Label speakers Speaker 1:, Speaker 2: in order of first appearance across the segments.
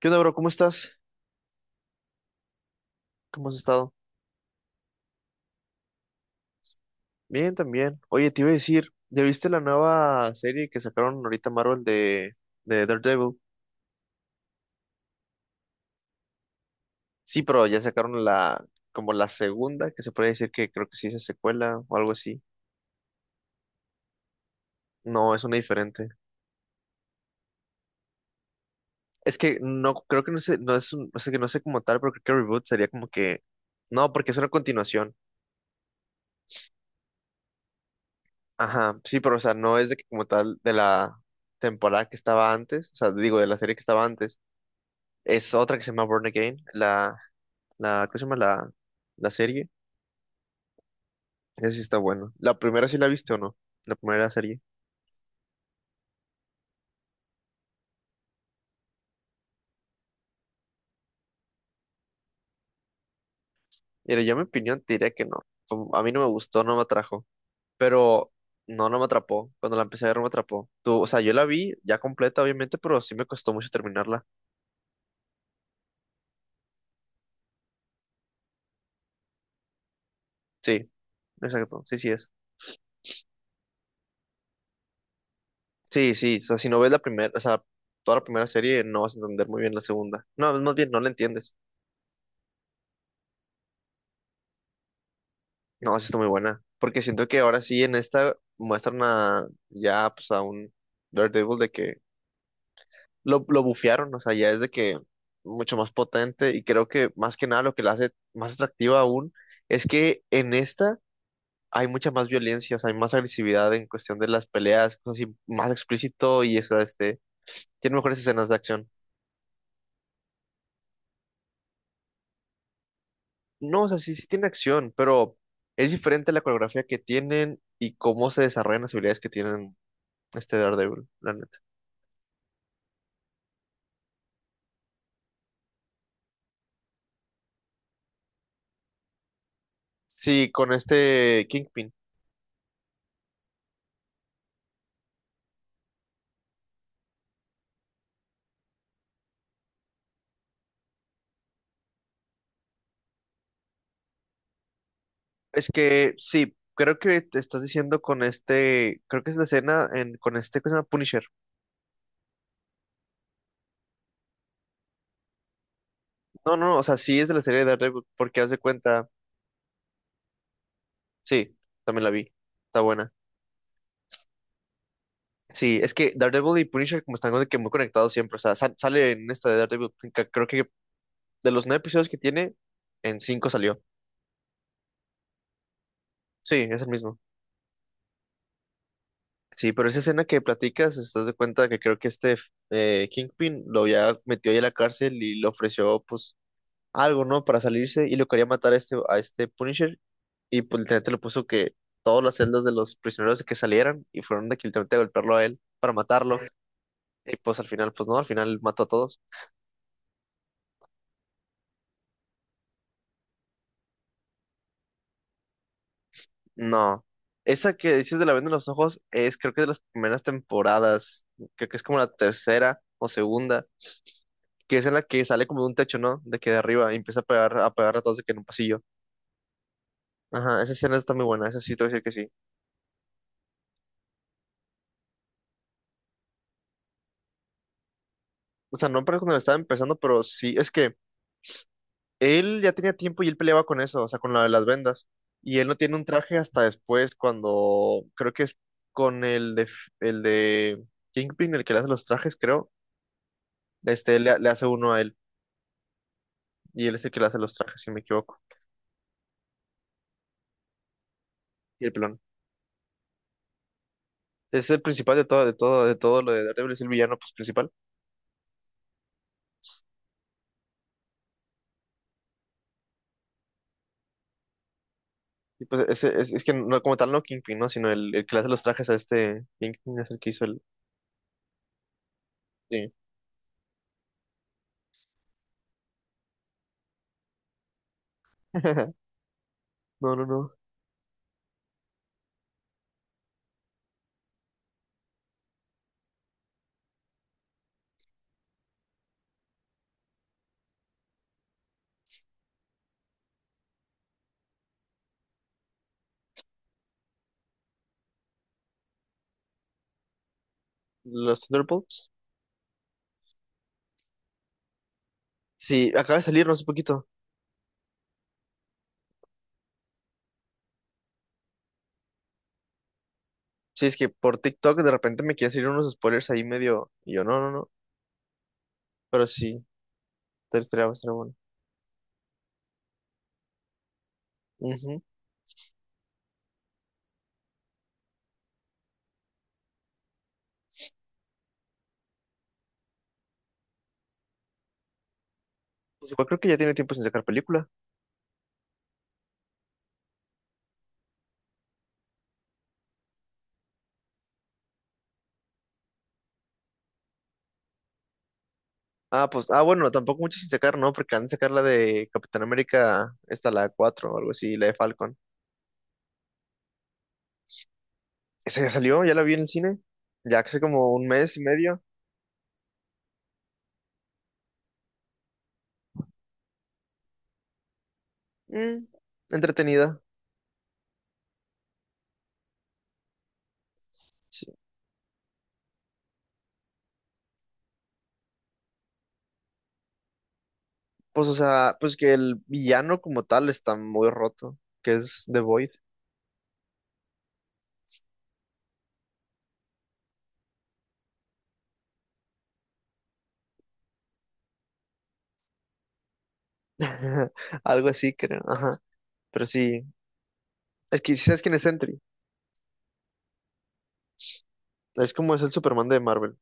Speaker 1: ¿Qué onda, bro? ¿Cómo estás? ¿Cómo has estado? Bien, también. Oye, te iba a decir, ¿ya viste la nueva serie que sacaron ahorita Marvel de Daredevil? Sí, pero ya sacaron como la segunda, que se puede decir que creo que sí es secuela o algo así. No, es una diferente. Es que no, creo que no sé, no es un, o sea, que no sé como tal, pero creo que reboot sería como que no, porque es una continuación. Ajá, sí, pero o sea, no es de que como tal de la temporada que estaba antes, o sea, digo, de la serie que estaba antes. Es otra que se llama Born Again, ¿cómo se llama? La serie. Esa sí está buena. ¿La primera sí la viste o no? La primera serie. Mira, yo en mi opinión te diría que no. A mí no me gustó, no me atrajo. Pero no, no me atrapó. Cuando la empecé a ver no me atrapó. Tú, o sea, yo la vi ya completa, obviamente, pero sí me costó mucho terminarla. Sí, exacto. Sí, sí es. Sí, sí. O sea, si no ves la primera, o sea, toda la primera serie, no vas a entender muy bien la segunda. No, más bien, no la entiendes. No, sí está muy buena. Porque siento que ahora sí en esta muestran a, ya, pues a un... Daredevil de que lo bufearon, o sea, ya es de que mucho más potente, y creo que más que nada lo que la hace más atractiva aún es que en esta hay mucha más violencia, o sea, hay más agresividad en cuestión de las peleas, cosas así, más explícito y eso, tiene mejores escenas de acción. No, o sea, sí, sí tiene acción, pero es diferente la coreografía que tienen y cómo se desarrollan las habilidades que tienen este Daredevil, la neta. Sí, con este Kingpin. Es que sí, creo que te estás diciendo con este, creo que es la escena en, con este que se llama Punisher. No, no, no, o sea, sí es de la serie de Daredevil, porque haz de cuenta, sí, también la vi, está buena. Sí, es que Daredevil y Punisher como están como de que muy conectados siempre, o sea, sale en esta de Daredevil, creo que de los nueve episodios que tiene, en cinco salió. Sí, es el mismo. Sí, pero esa escena que platicas, estás de cuenta que creo que Kingpin lo había metido ahí a la cárcel y le ofreció, pues, algo, ¿no? Para salirse, y lo quería matar a este Punisher, y pues literalmente le puso que todas las celdas de los prisioneros que salieran, y fueron de que literalmente a golpearlo a él para matarlo, y pues al final, pues no, al final mató a todos. No. Esa que dices de la venda en los ojos es creo que es de las primeras temporadas, creo que es como la tercera o segunda, que es en la que sale como de un techo, ¿no? De que de arriba y empieza a pegar a todos de que en un pasillo. Ajá, esa escena está muy buena, esa sí te voy a decir que sí. O sea, no para cuando la estaba empezando, pero sí, es que él ya tenía tiempo y él peleaba con eso, o sea, con la de las vendas. Y él no tiene un traje hasta después, cuando creo que es con el de Kingpin, el que le hace los trajes, creo. Este le hace uno a él. Y él es el que le hace los trajes, si no me equivoco. Y el pelón. Es el principal de todo, de todo, de todo lo de Daredevil, es el villano pues, principal. Y pues ese, es que no, como tal no Kingpin, ¿no? Sino el que le hace los trajes a este Kingpin es el que hizo el. Sí. No, no, no. Los Thunderbolts. Sí, acaba de salir, no hace poquito. Sí, es que por TikTok de repente me quieren salir unos spoilers ahí medio. Y yo, no, no, no. Pero sí, te estaría bastante bueno. Ujú. Pues igual creo que ya tiene tiempo sin sacar película. Ah, pues, ah, bueno, tampoco mucho sin sacar, ¿no? Porque han de sacar la de Capitán América, esta, la 4 o algo así, la de Falcon. Esa ya salió, ya la vi en el cine. Ya hace como un mes y medio. Mm, entretenida. Sí. Pues, o sea, pues que el villano como tal está muy roto, que es The Void. Algo así, creo. Ajá. Pero sí. Es que, ¿sabes quién es Sentry? Es como es el Superman de Marvel.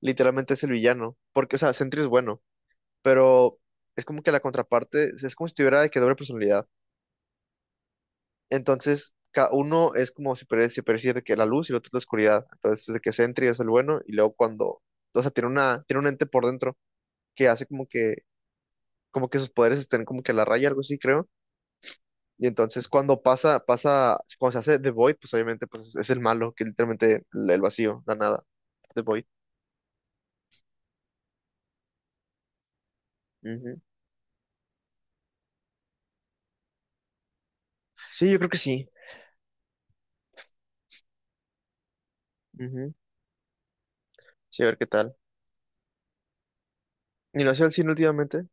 Speaker 1: Literalmente es el villano. Porque, o sea, Sentry es bueno, pero es como que la contraparte, es como si tuviera de que doble personalidad. Entonces, cada uno es como si pareciera de que la luz y el otro es la oscuridad. Entonces, es de que Sentry es el bueno, y luego cuando, o sea, tiene un ente por dentro que hace como que sus poderes estén como que a la raya, algo así, creo. Y entonces cuando cuando se hace The Void, pues obviamente pues, es el malo, que literalmente el vacío, la nada, The Void. Ujú. Sí, yo creo que sí. Ujú. Sí, a ver qué tal. ¿Y lo hacía al cine últimamente?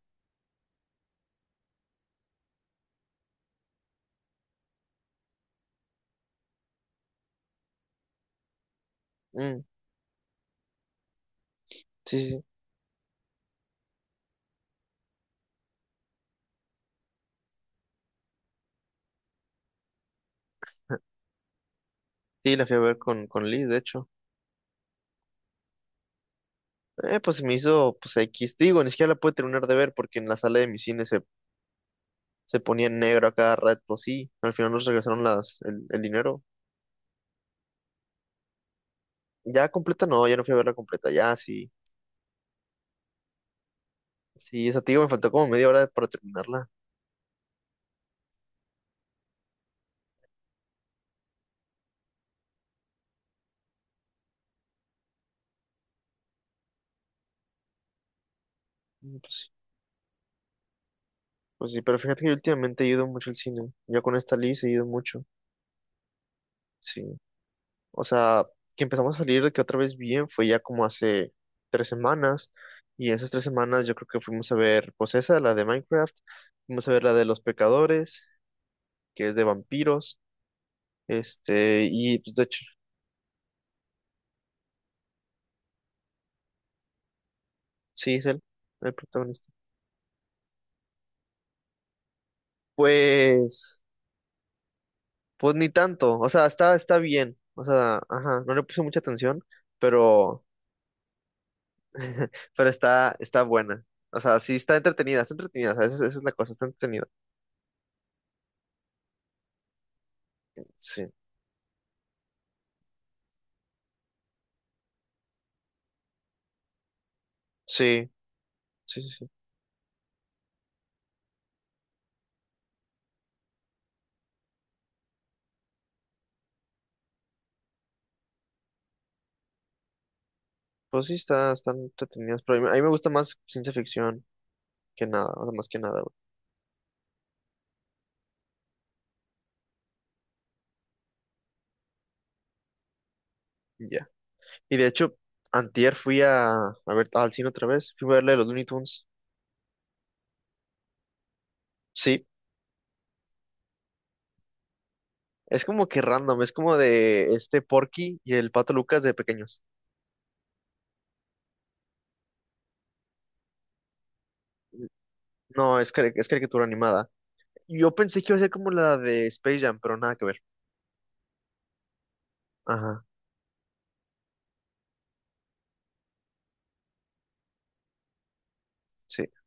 Speaker 1: Mm, sí, sí. Sí, sí, la fui a ver con Liz, de hecho. Pues se me hizo, pues X. Digo, ni siquiera la pude terminar de ver porque en la sala de mi cine se ponía en negro a cada rato. Sí, al final nos regresaron el dinero. Ya completa, no, ya no fui a verla completa. Ya, sí. Sí, esa, te digo, me faltó como media hora para terminarla. Mm, pues sí, pues sí, pero fíjate que yo últimamente he ido mucho al cine. Yo con esta Liz he ido mucho. Sí. O sea, que empezamos a salir de que otra vez bien fue ya como hace 3 semanas. Y esas 3 semanas yo creo que fuimos a ver, pues esa, la de Minecraft. Fuimos a ver la de Los Pecadores, que es de vampiros. Este, y pues de hecho, sí, es él, el protagonista. Pues, pues ni tanto. O sea, está, está bien. O sea, ajá, no le puse mucha atención, pero, pero está, está buena. O sea, sí está entretenida, está entretenida. O sea, esa es la cosa, está entretenida. Sí, sí, sí, sí. Pues sí, está, están entretenidas, pero a mí me gusta más ciencia ficción que nada, o sea, más que nada, güey. Y ya. Y de hecho, antier fui a ver al cine otra vez, fui a verle los Looney Tunes. Sí, es como que random, es como de este Porky y el Pato Lucas de pequeños. No, es, cari- Es caricatura animada. Yo pensé que iba a ser como la de Space Jam, pero nada que ver. Ajá, sí.